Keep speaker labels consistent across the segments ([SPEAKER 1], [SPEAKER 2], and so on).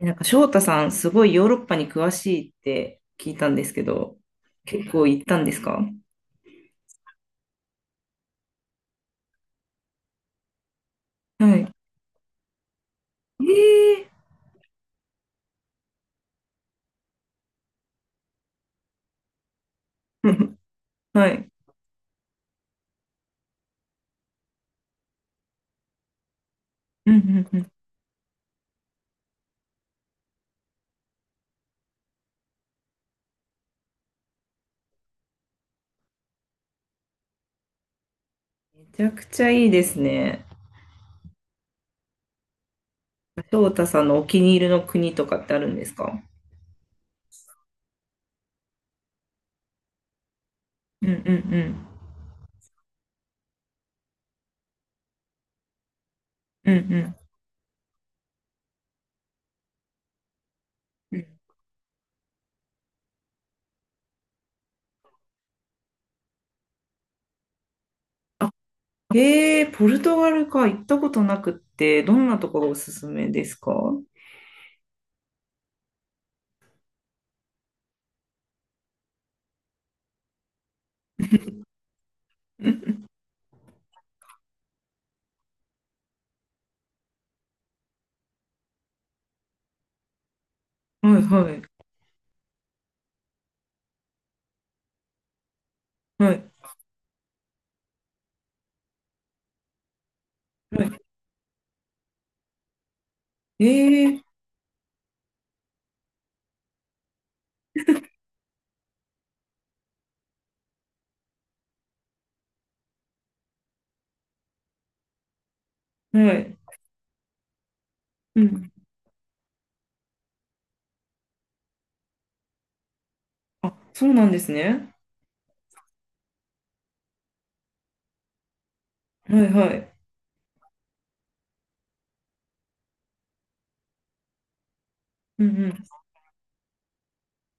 [SPEAKER 1] 翔太さん、すごいヨーロッパに詳しいって聞いたんですけど、結構行ったんですか？はい。ええー、はい。うんうんうん。めちゃくちゃいいですね。翔太さんのお気に入りの国とかってあるんですか？うんうんうん。うんうん。うん。ええー、ポルトガルか、行ったことなくって、どんなところがおすすめですか？うん、はいはいはい。はい、ええー、はい。うん。あ、そうなんですね。はいはい。うんうん。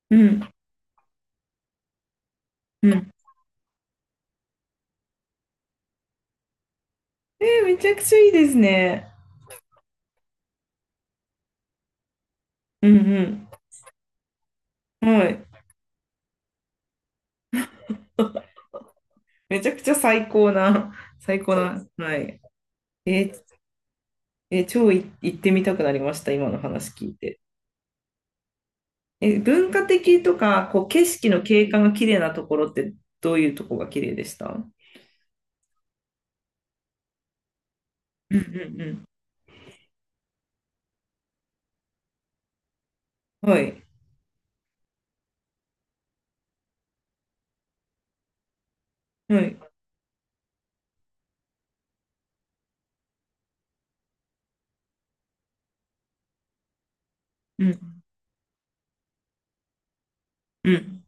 [SPEAKER 1] うんうん。えー、めちゃくちゃいいですね。うんうん。はい。めちゃくちゃ最高な、最高な。はい。えー超行ってみたくなりました、今の話聞いて。文化的とか、こう、景色の景観が綺麗なところって、どういうとこが綺麗でした？うん。うんうん。はい。はい。うんうん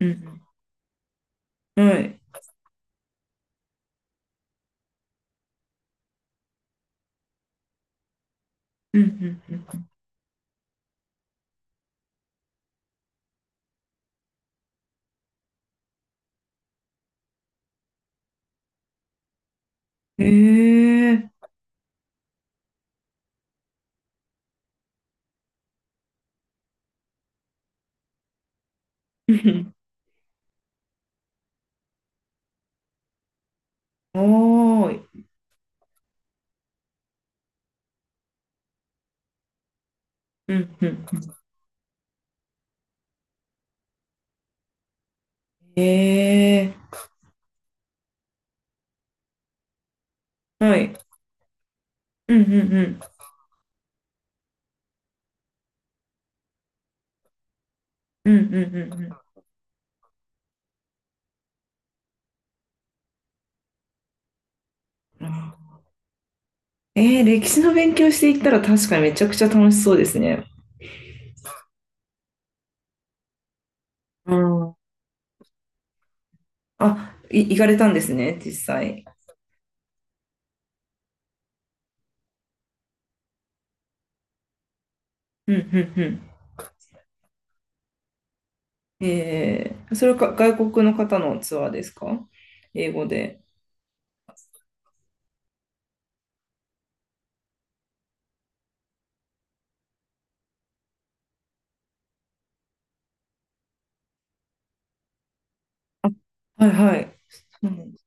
[SPEAKER 1] うんうん。はい。うんうんうん。ええー。はおーい。うんうん、ええー。はい。うんうんうん。うんうんうんうん。うん。歴史の勉強していったら確かにめちゃくちゃ楽しそうですね。うん。あ、行かれたんですね、実際。うんうんうん。それは外国の方のツアーですか？英語で。はいはい。そうなんです。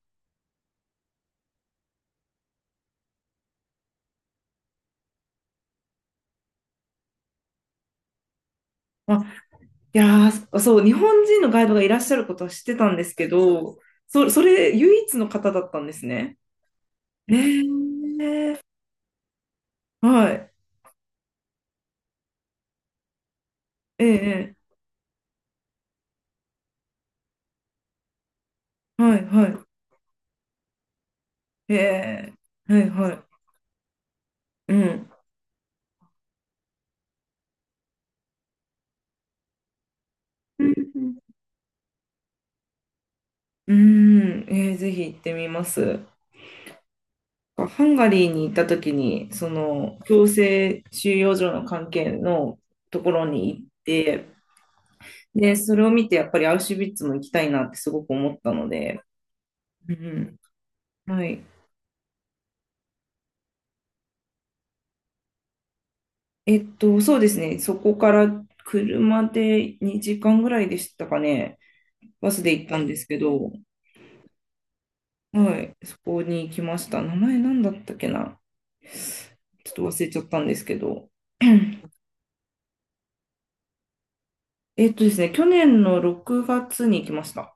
[SPEAKER 1] あ、いやー、そう、日本人のガイドがいらっしゃることは知ってたんですけど、それ唯一の方だったんですね。えー、はい。ええ、はいはい。ええ、はいはい。うん。うん。うん。うーん、ぜひ行ってみます。ハンガリーに行った時に、その強制収容所の関係のところに行って、で、それを見てやっぱりアウシュビッツも行きたいなってすごく思ったので、うん、はい。そうですね、そこから車で2時間ぐらいでしたかね、バスで行ったんですけど、はい、そこに行きました。名前なんだったっけな、ちょっと忘れちゃったんですけど、えっとですね、去年の6月に行きました。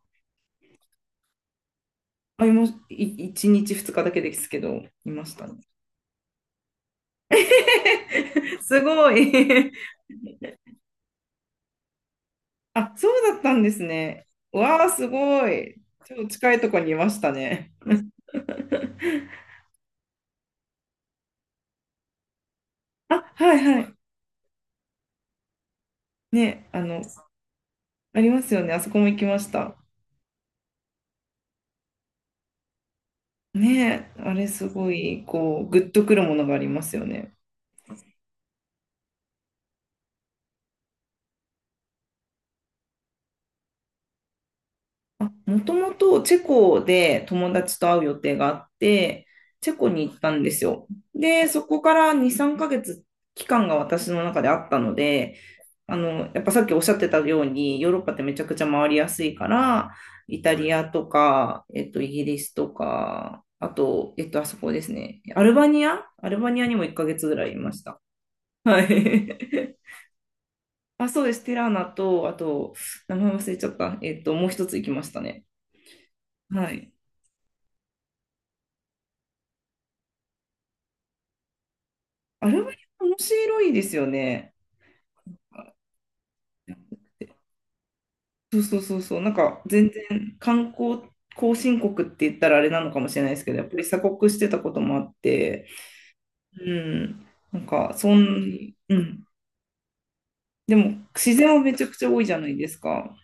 [SPEAKER 1] まあ、いま、1日2日だけですけど、いましたね。すごい。あ、そうだったんですね。わあ、すごい。超近いとこにいましたね。あ、はいはい。ね、ありますよね。あそこも行きました。ね、あれすごい、こう、グッとくるものがありますよね。もともとチェコで友達と会う予定があって、チェコに行ったんですよ。で、そこから2、3ヶ月期間が私の中であったので、やっぱさっきおっしゃってたように、ヨーロッパってめちゃくちゃ回りやすいから、イタリアとか、イギリスとか、あと、あそこですね。アルバニアにも1ヶ月ぐらいいました。はい。あ、そうです。ティラーナと、あと、名前忘れちゃった。もう一つ行きましたね。はい。あれは面白いですよね。そうそうそうそう、なんか全然観光後進国って言ったらあれなのかもしれないですけど、やっぱり鎖国してたこともあって、うん、なんかそん、うん、でも自然はめちゃくちゃ多いじゃないですか。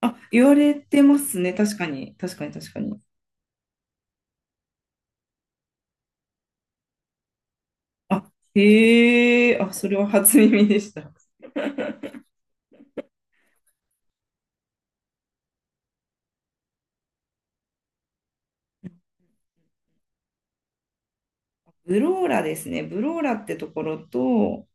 [SPEAKER 1] あ、言われてますね、確かに、確かに、確かに。あ、へえ、あ、それは初耳でした。ブローラですね。ブローラってところと、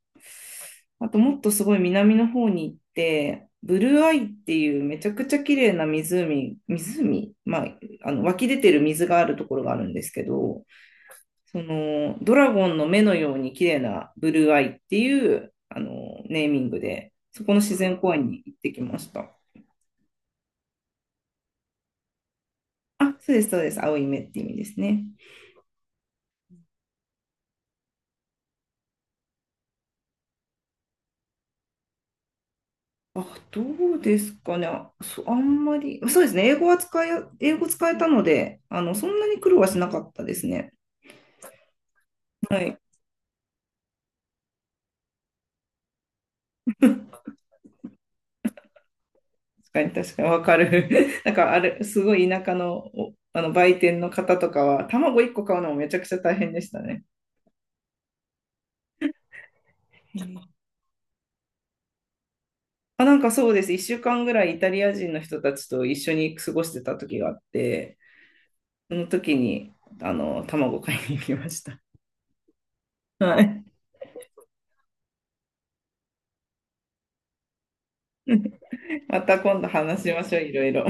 [SPEAKER 1] あともっとすごい南の方に行って、ブルーアイっていうめちゃくちゃ綺麗な湖、まあ、湧き出てる水があるところがあるんですけど、そのドラゴンの目のように綺麗なブルーアイっていうネーミングで、そこの自然公園に行ってきました。あ、そうです、そうです。青い目って意味ですね。あ、どうですかね。あ、あんまり、そうですね。英語使えたので、そんなに苦労はしなかったですね。はい。確かに、確かに、わかる。なんか、あれ、すごい田舎の、あの、売店の方とかは、卵1個買うのもめちゃくちゃ大変でしたね。うん、あ、なんかそうです。1週間ぐらいイタリア人の人たちと一緒に過ごしてた時があって、その時に、卵買いに行きました。はい。また今度話しましょう、いろいろ。